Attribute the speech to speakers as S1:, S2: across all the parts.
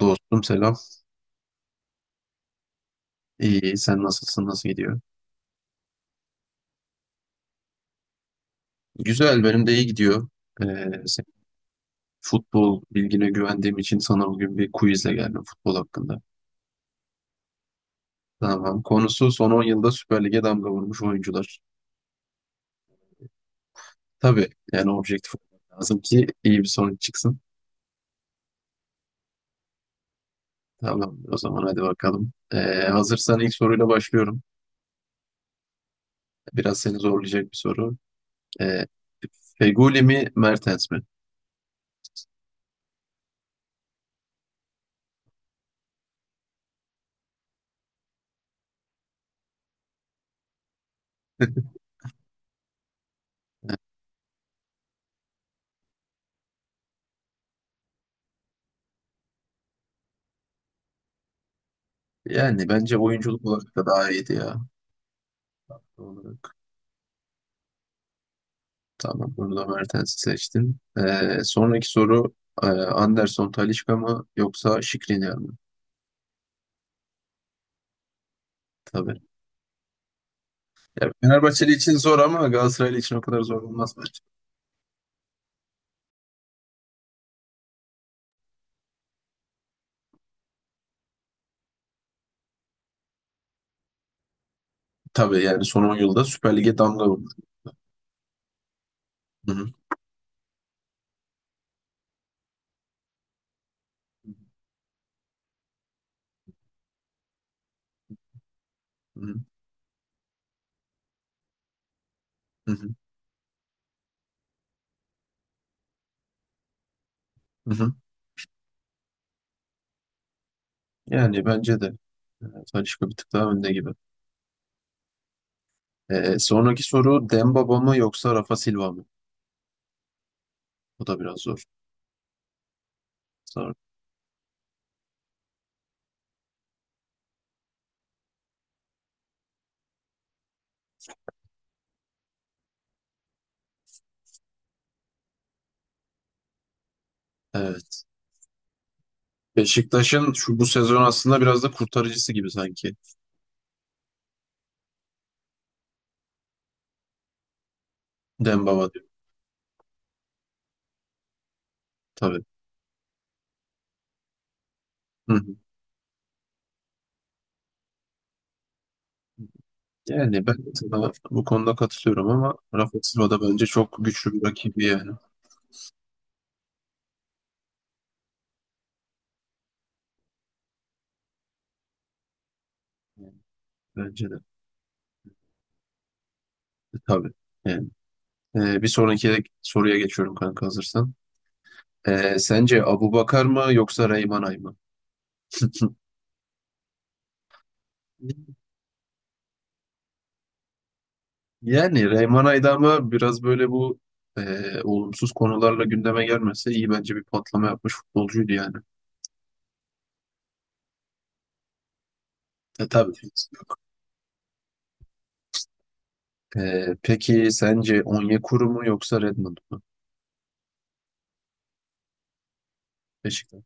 S1: Dostum selam. İyi, sen nasılsın? Nasıl gidiyor? Güzel, benim de iyi gidiyor. Ee, sen- Futbol bilgine güvendiğim için sana bugün bir quizle geldim futbol hakkında. Tamam. Konusu son 10 yılda Süper Lig'e damga vurmuş oyuncular. Tabii yani objektif olmak lazım ki iyi bir sonuç çıksın. Tamam o zaman hadi bakalım. Hazırsan ilk soruyla başlıyorum. Biraz seni zorlayacak bir soru. Ee, Feguli mi Mertens mi? Yani bence oyunculuk olarak da daha iyiydi ya. Doğal olarak. Tamam bunu da Mertens'i seçtin. Sonraki soru Anderson Talisca mı yoksa Skriniar mı? Tabii. Ya, Fenerbahçeli için zor ama Galatasaraylı için o kadar zor olmaz bence. Tabii yani son 10 yılda Süper Lig'e damga vurdu. Hı hı, hı hı, hı hı, hı hı. Yani bence de e, Talisca bir tık daha önde gibi. Sonraki soru Dembaba mı yoksa Rafa Silva mı? Bu da biraz zor. Zor. Evet. Beşiktaş'ın şu bu sezon aslında biraz da kurtarıcısı gibi sanki. Dembaba diyor. Tabii. Hı hı. Yani ben sana bu konuda katılıyorum ama Rafa Silva da bence çok güçlü bir rakibi yani. Yani bence de. Tabii. Yani. Bir sonraki soruya geçiyorum kanka, hazırsan. Sence Abubakar mı yoksa Reyman Ay mı? Yani Reyhan Aydam'a biraz böyle bu olumsuz konularla gündeme gelmese iyi, bence bir patlama yapmış futbolcuydu yani. Tabii. Peki sence Onyekuru mu yoksa Redmond mu? Beşiktaş.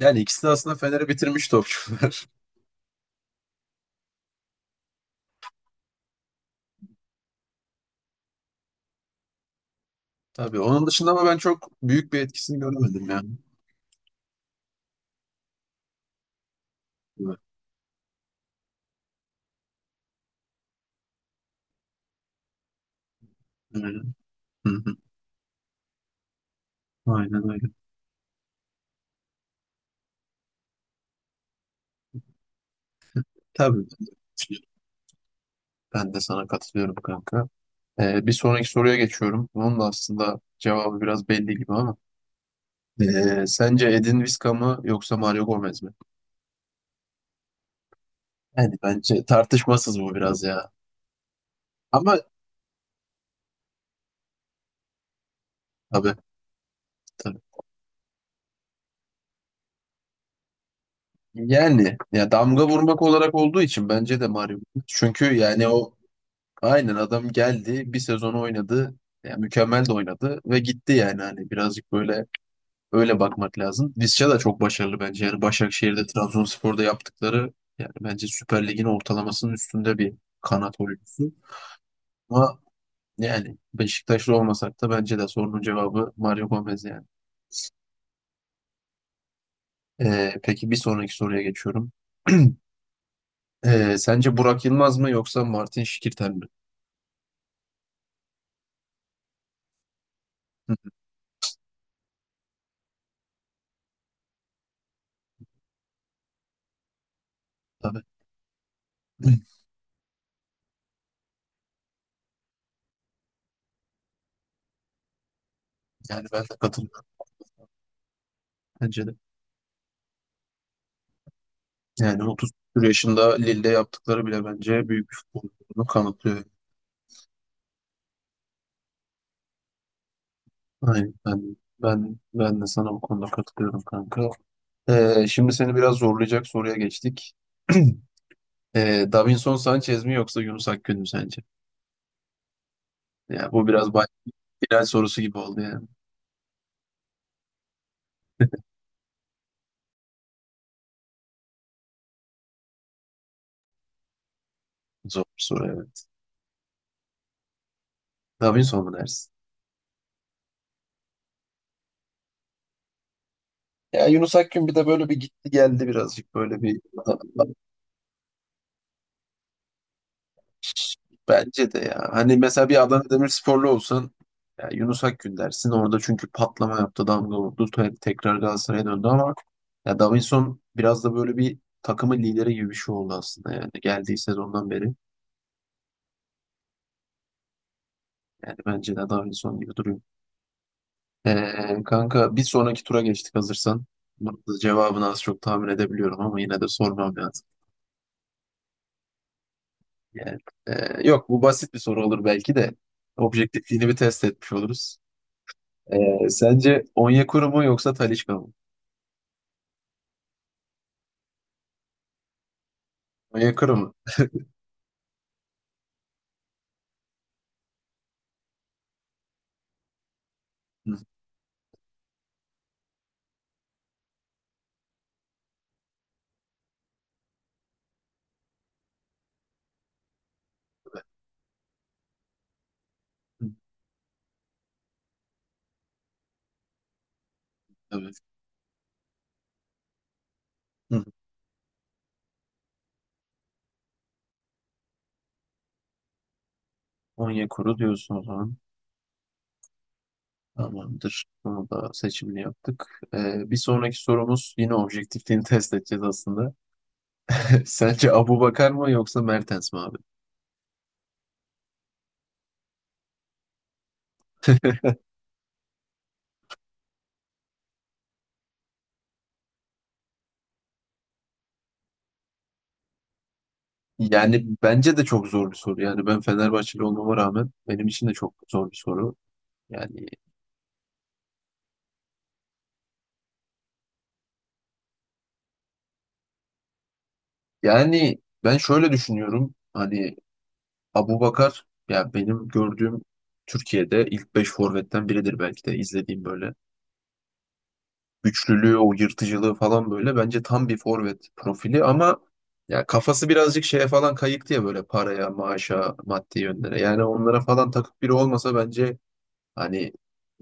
S1: Yani ikisi de aslında Fener'e bitirmiş topçular. Tabii. Onun dışında ama ben çok büyük bir etkisini göremedim yani. Evet. Aynen. Hı hı. Aynen öyle. Tabii. Ben de sana katılıyorum kanka. Bir sonraki soruya geçiyorum. Onun da aslında cevabı biraz belli gibi ama. Sence Edin Visca mı yoksa Mario Gomez mi? Yani bence tartışmasız bu biraz ya. Ama tabii tabii. Yani ya damga vurmak olarak olduğu için bence de Mario Gomez. Çünkü yani o aynen adam geldi, bir sezon oynadı. Yani mükemmel de oynadı ve gitti, yani hani birazcık böyle öyle bakmak lazım. Visca da çok başarılı bence. Yani Başakşehir'de, Trabzonspor'da yaptıkları yani bence Süper Lig'in ortalamasının üstünde bir kanat oyuncusu. Ama yani Beşiktaşlı olmasak da bence de sorunun cevabı Mario Gomez yani. Peki bir sonraki soruya geçiyorum. Sence Burak Yılmaz mı yoksa Martin Şikirten mi? Hı, tabii. Yani ben de katılıyorum. Bence de. Yani 30 küsur yaşında Lille'de yaptıkları bile bence büyük bir futbol olduğunu kanıtlıyor. Aynen, ben de sana bu konuda katılıyorum kanka. Şimdi seni biraz zorlayacak soruya geçtik. Davinson Sanchez mi yoksa Yunus Akgün mü sence? Ya bu biraz final sorusu gibi oldu yani. Zor soru, evet. Davinson mu dersin? Ya Yunus Akgün bir de böyle bir gitti geldi birazcık böyle bir, bence de ya. Hani mesela bir Adana Demirsporlu olsan ya Yunus Akgün dersin orada çünkü patlama yaptı, damga vurdu, tekrar Galatasaray'a döndü ama ya Davinson biraz da böyle bir takımın lideri gibi bir şey oldu aslında, yani geldiği sezondan beri. Yani bence de Davinson gibi duruyor. Kanka bir sonraki tura geçtik, hazırsan. Bunun da cevabını az çok tahmin edebiliyorum ama yine de sormam lazım. Yani, yok, bu basit bir soru olur belki de. Objektifliğini bir test etmiş oluruz. Sence Onyekuru mu yoksa Talisca mı? Onyekuru mu? Hı, hı, evet. Hı. Onyekuru diyorsun o zaman. Tamamdır. Bunu da seçimini yaptık. Bir sonraki sorumuz yine objektifliğini test edeceğiz aslında. Sence Abubakar mı yoksa Mertens mi abi? Yani bence de çok zor bir soru. Yani ben Fenerbahçeli olmama rağmen benim için de çok zor bir soru. Yani yani ben şöyle düşünüyorum. Hani Abubakar ya benim gördüğüm Türkiye'de ilk 5 forvetten biridir belki de, izlediğim böyle. Güçlülüğü, o yırtıcılığı falan böyle bence tam bir forvet profili ama ya kafası birazcık şeye falan kayıktı ya, böyle paraya, maaşa, maddi yönlere. Yani onlara falan takık biri olmasa bence, hani,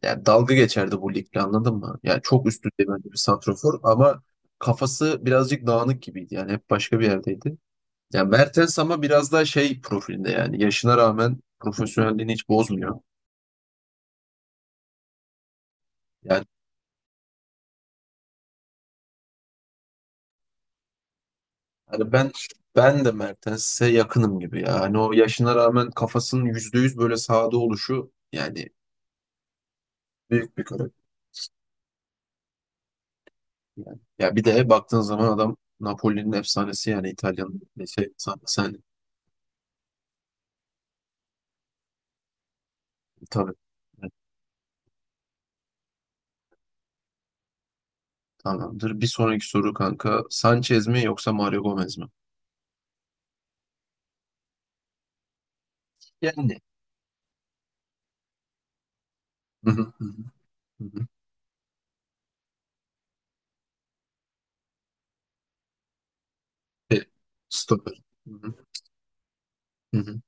S1: ya dalga geçerdi bu ligle, anladın mı? Yani çok üst düzey bence bir santrofor ama kafası birazcık dağınık gibiydi. Yani hep başka bir yerdeydi. Ya Mertens ama biraz daha şey profilde, yani yaşına rağmen profesyonelliğini hiç bozmuyor. Yani hani ben de Mertens'e yakınım gibi ya. Hani o yaşına rağmen kafasının %100 böyle sahada oluşu yani, büyük bir karakter yani. Ya bir de baktığın zaman adam Napoli'nin efsanesi, yani İtalya'nın şey efsanesi hani, tabii. Evet, tamamdır. Bir sonraki soru kanka. Sanchez mi yoksa Mario Gomez mi? Yani. Hı hı, hı hı, hı hı. E, Stoper. Hı hı, hı hı.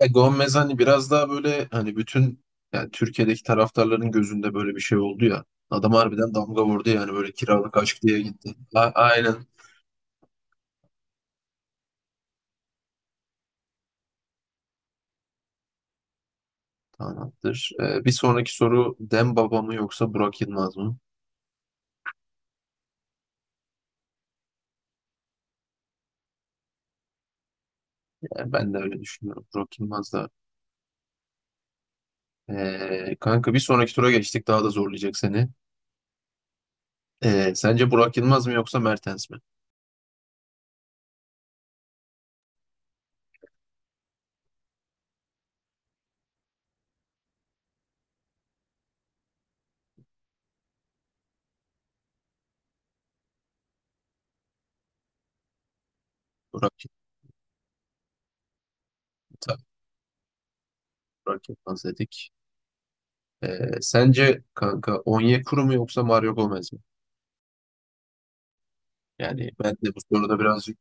S1: Ya Gomez hani biraz daha böyle hani bütün, yani Türkiye'deki taraftarların gözünde böyle bir şey oldu ya. Adam harbiden damga vurdu yani, böyle kiralık aşk diye gitti. Aynen. Tamamdır. Bir sonraki soru Demba mı yoksa Burak Yılmaz mı? Yani ben de öyle düşünüyorum. Burak Yılmaz da. Kanka bir sonraki tura geçtik. Daha da zorlayacak seni. Sence Burak Yılmaz mı yoksa Mertens mi? Burak, tabii Burak Yılmaz dedik. Sence kanka Onyekuru mu yoksa Mario Gomez mi? Yani ben de bu soruda birazcık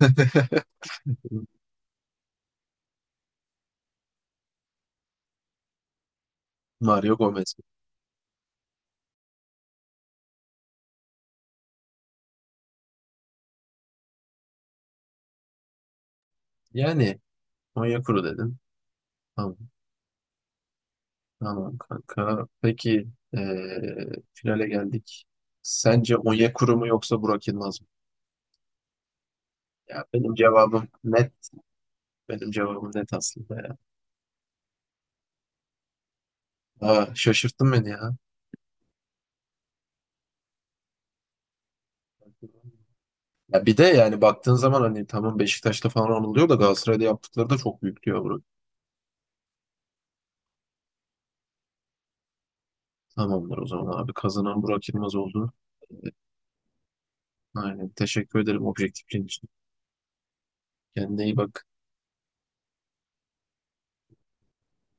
S1: Mario Gomez. Yani Onyekuru dedim. Tamam, tamam kanka. Peki finale geldik. Sence Onyekuru mu yoksa Burak Yılmaz mı? Ya benim cevabım net. Benim cevabım net aslında ya. Aa, şaşırttın beni ya. Ya bir de yani baktığın zaman hani, tamam Beşiktaş'ta falan anılıyor da Galatasaray'da yaptıkları da çok büyük diyor Burak. Tamamdır o zaman abi. Kazanan Burak Yılmaz oldu. Aynen. Teşekkür ederim objektifliğin için. Kendine iyi bak.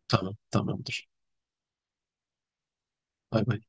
S1: Tamam, tamamdır. Bay bay.